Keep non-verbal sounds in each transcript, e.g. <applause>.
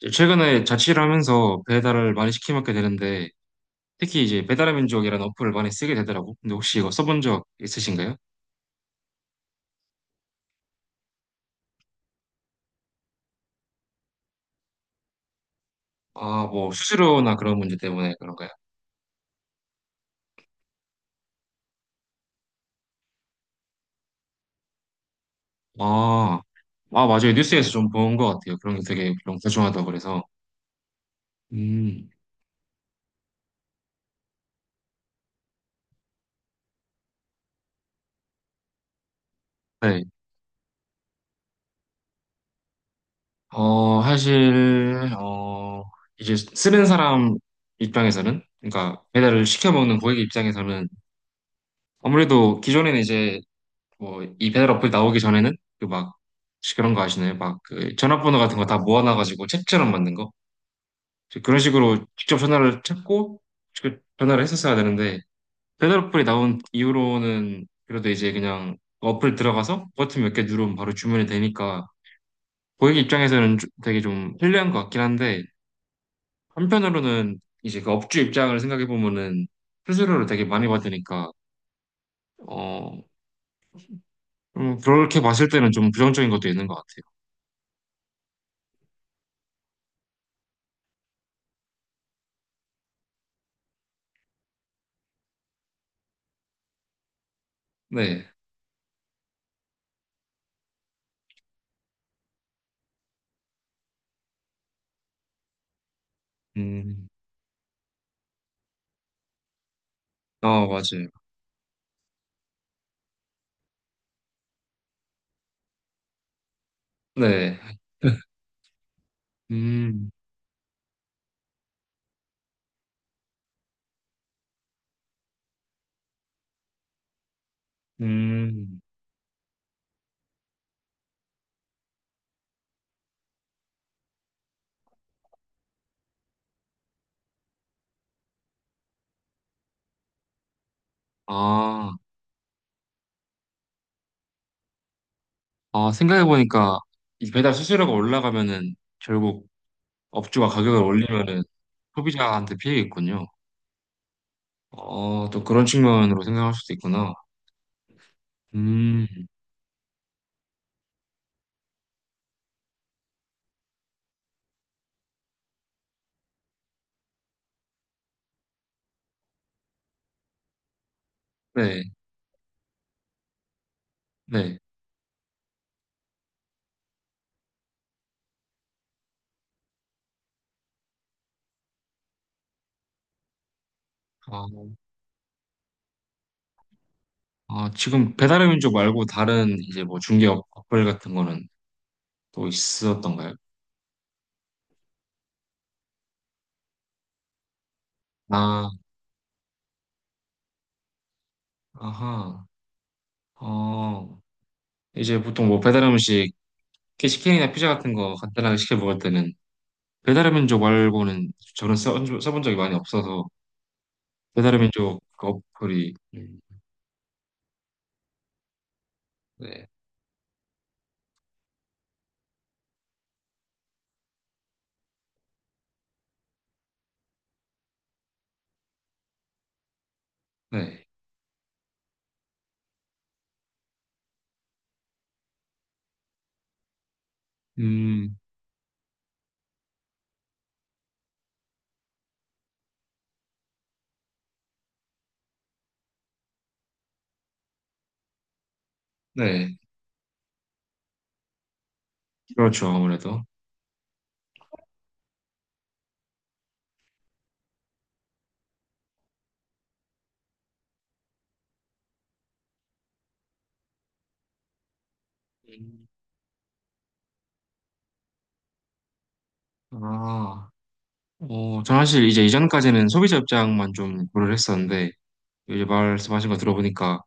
이제 최근에 자취를 하면서 배달을 많이 시켜 먹게 되는데 특히 이제 배달의 민족이라는 어플을 많이 쓰게 되더라고. 근데 혹시 이거 써본 적 있으신가요? 아, 뭐 수수료나 그런 문제 때문에 그런가요? 아, 아 맞아요. 뉴스에서 좀 본 것 같아요. 그런 게 되게 좀 소중하다고 그래서. 음, 네. 사실 이제 쓰는 사람 입장에서는, 그러니까 배달을 시켜 먹는 고객 입장에서는 아무래도 기존에는 이제 뭐이 배달 어플 나오기 전에는 그 막 그런 거 아시나요? 막 그 전화번호 같은 거 다 모아놔가지고 책처럼 만든 거. 그런 식으로 직접 전화를 찾고 직접 전화를 했었어야 되는데, 배달 어플이 나온 이후로는 그래도 이제 그냥 어플 들어가서 버튼 몇 개 누르면 바로 주문이 되니까 고객 입장에서는 되게 좀 편리한 것 같긴 한데, 한편으로는 이제 그 업주 입장을 생각해 보면은 수수료를 되게 많이 받으니까, 어 그렇게 봤을 때는 좀 부정적인 것도 있는 것 같아요. 네. 음. 어, 맞아요. 네. 음, 음. 아, 아, 생각해보니까 이 배달 수수료가 올라가면은, 결국 업주가 가격을 올리면은 소비자한테 피해겠군요. 어, 또 그런 측면으로 생각할 수도 있구나. 음, 네, 네. 아, 아, 지금 배달의 민족 말고 다른 이제 뭐 어플 같은 거는 또 있었던가요? 아, 아하. 어, 이제 보통 뭐 배달 음식, 시킨이나 피자 같은 거 간단하게 시켜 먹을 때는 배달의 민족 말고는 써본 적이 많이 없어서. 배달의 민족 그 어플이 네, 네, 음, 네, 그렇죠 아무래도. 음. 아, 어, 저는 사실 이제 이전까지는 소비자 입장만 좀 고려를 했었는데 이제 말씀하신 거 들어보니까,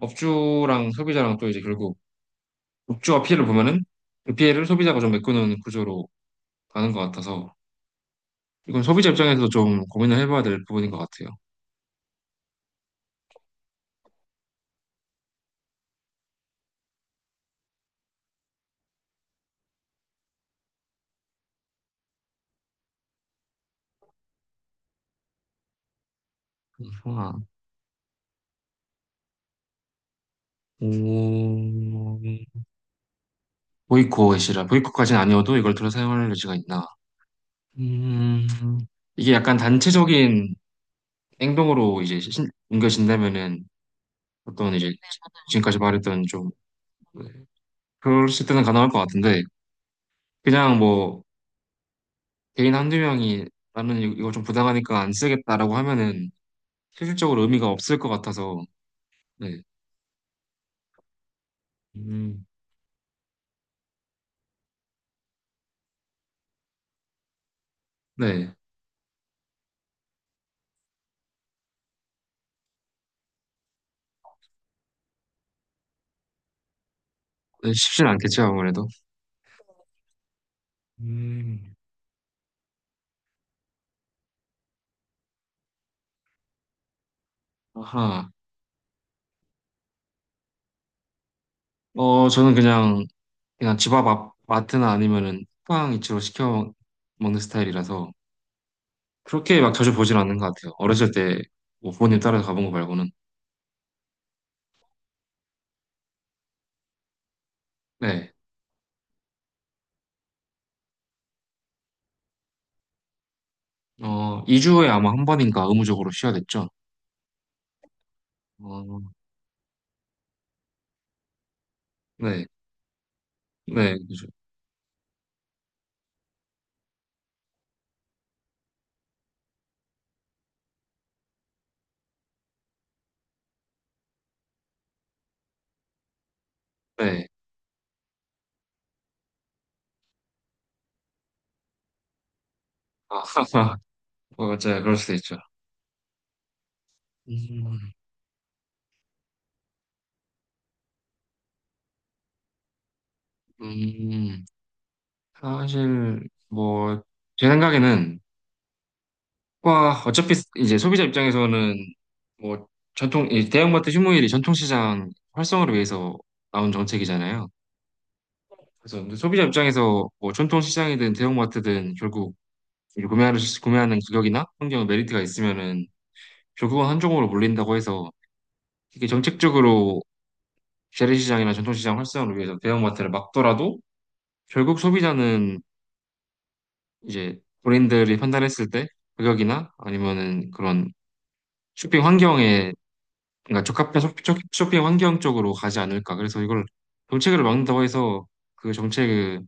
업주랑 소비자랑 또 이제 결국 업주가 피해를 보면은 그 피해를 소비자가 좀 메꾸는 구조로 가는 것 같아서, 이건 소비자 입장에서도 좀 고민을 해봐야 될 부분인 것 같아요. 그렇구나. 오, 보이콧이라, 보이콧까지는 아니어도 이걸 들어 사용할 여지가 있나? 음, 이게 약간 단체적인 행동으로 이제 옮겨진다면은 어떤 이제 지금까지 말했던 좀, 네, 그럴 때는 가능할 것 같은데, 그냥 뭐 개인 한두 명이 나는 이거 좀 부당하니까 안 쓰겠다라고 하면은 실질적으로 의미가 없을 것 같아서. 네, 음, 네, 쉽진 않겠죠 아무래도. 음, 아하, 어 저는 그냥 그냥 집 앞 마트나 아니면은 쿠팡 이츠로 시켜 먹는 스타일이라서 그렇게 막 자주 보진 않는 것 같아요. 어렸을 때 뭐 부모님 따라서 가본 거 말고는. 네. 어, 2주에 아마 한 번인가 의무적으로 쉬어야 됐죠. 어, 네. 네. 그죠. 네. 아, <laughs> 어, 맞아요. 그럴 수도 있죠. 음, 음, 사실 뭐 제 생각에는 와 어차피 이제 소비자 입장에서는 뭐 전통 이 대형마트 휴무일이 전통시장 활성화를 위해서 나온 정책이잖아요. 그래서, 근데 소비자 입장에서 뭐 전통 시장이든 대형마트든 결국 이 구매하는 가격이나 환경 메리트가 있으면은 결국은 한쪽으로 몰린다고 해서, 이게 정책적으로 재래시장이나 전통시장 활성화를 위해서 대형마트를 막더라도 결국 소비자는 이제 본인들이 판단했을 때 가격이나 아니면은 그런 쇼핑 환경에, 그러니까 적합한 쇼핑 환경 쪽으로 가지 않을까. 그래서 이걸 정책을 막는다고 해서 그 정책의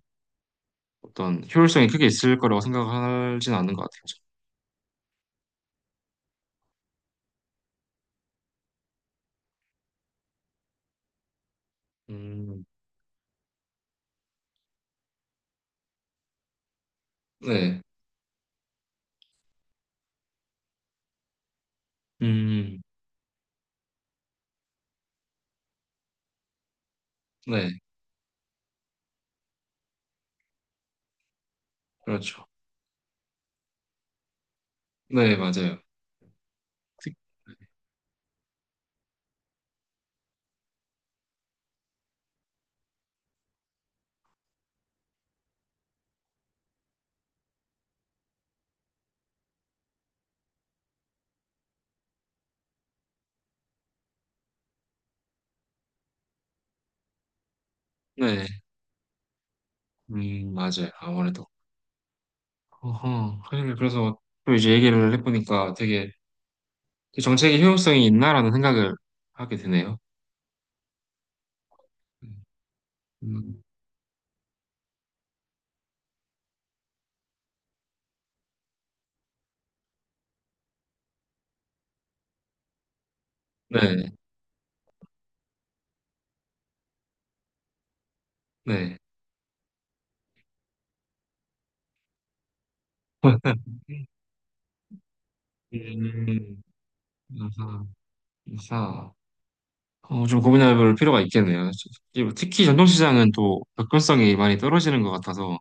어떤 효율성이 크게 있을 거라고 생각하진 않는 것 같아요. 음, 네, 음, 네, 그렇죠. 네, 맞아요. 특-. 네, 맞아요. 아무래도. 어허, 그래, 그래서 또 이제 얘기를 해보니까 되게 그 정책의 효용성이 있나라는 생각을 하게 되네요. 음, 네, 네. <laughs> 음, 아하, 아하. 어, 좀 고민해 볼 필요가 있겠네요. 특히 전통시장은 또 접근성이 많이 떨어지는 것 같아서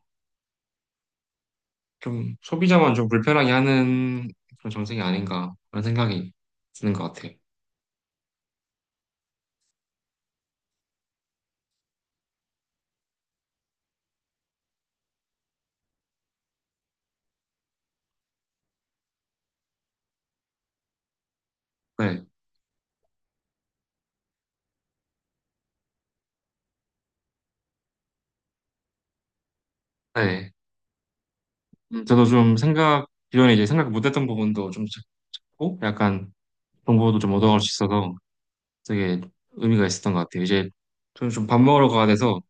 좀 소비자만 좀 불편하게 하는 그런 정책이 아닌가 그런 생각이 드는 것 같아요. 네, 네. 저도 좀 생각 기존에 이제 생각 못했던 부분도 좀 찾고 약간 정보도 좀 얻어갈 수 있어서 되게 의미가 있었던 것 같아요. 이제 저는 좀 밥 먹으러 가야 돼서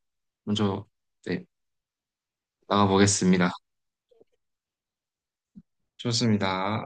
먼저, 네, 나가보겠습니다. 좋습니다.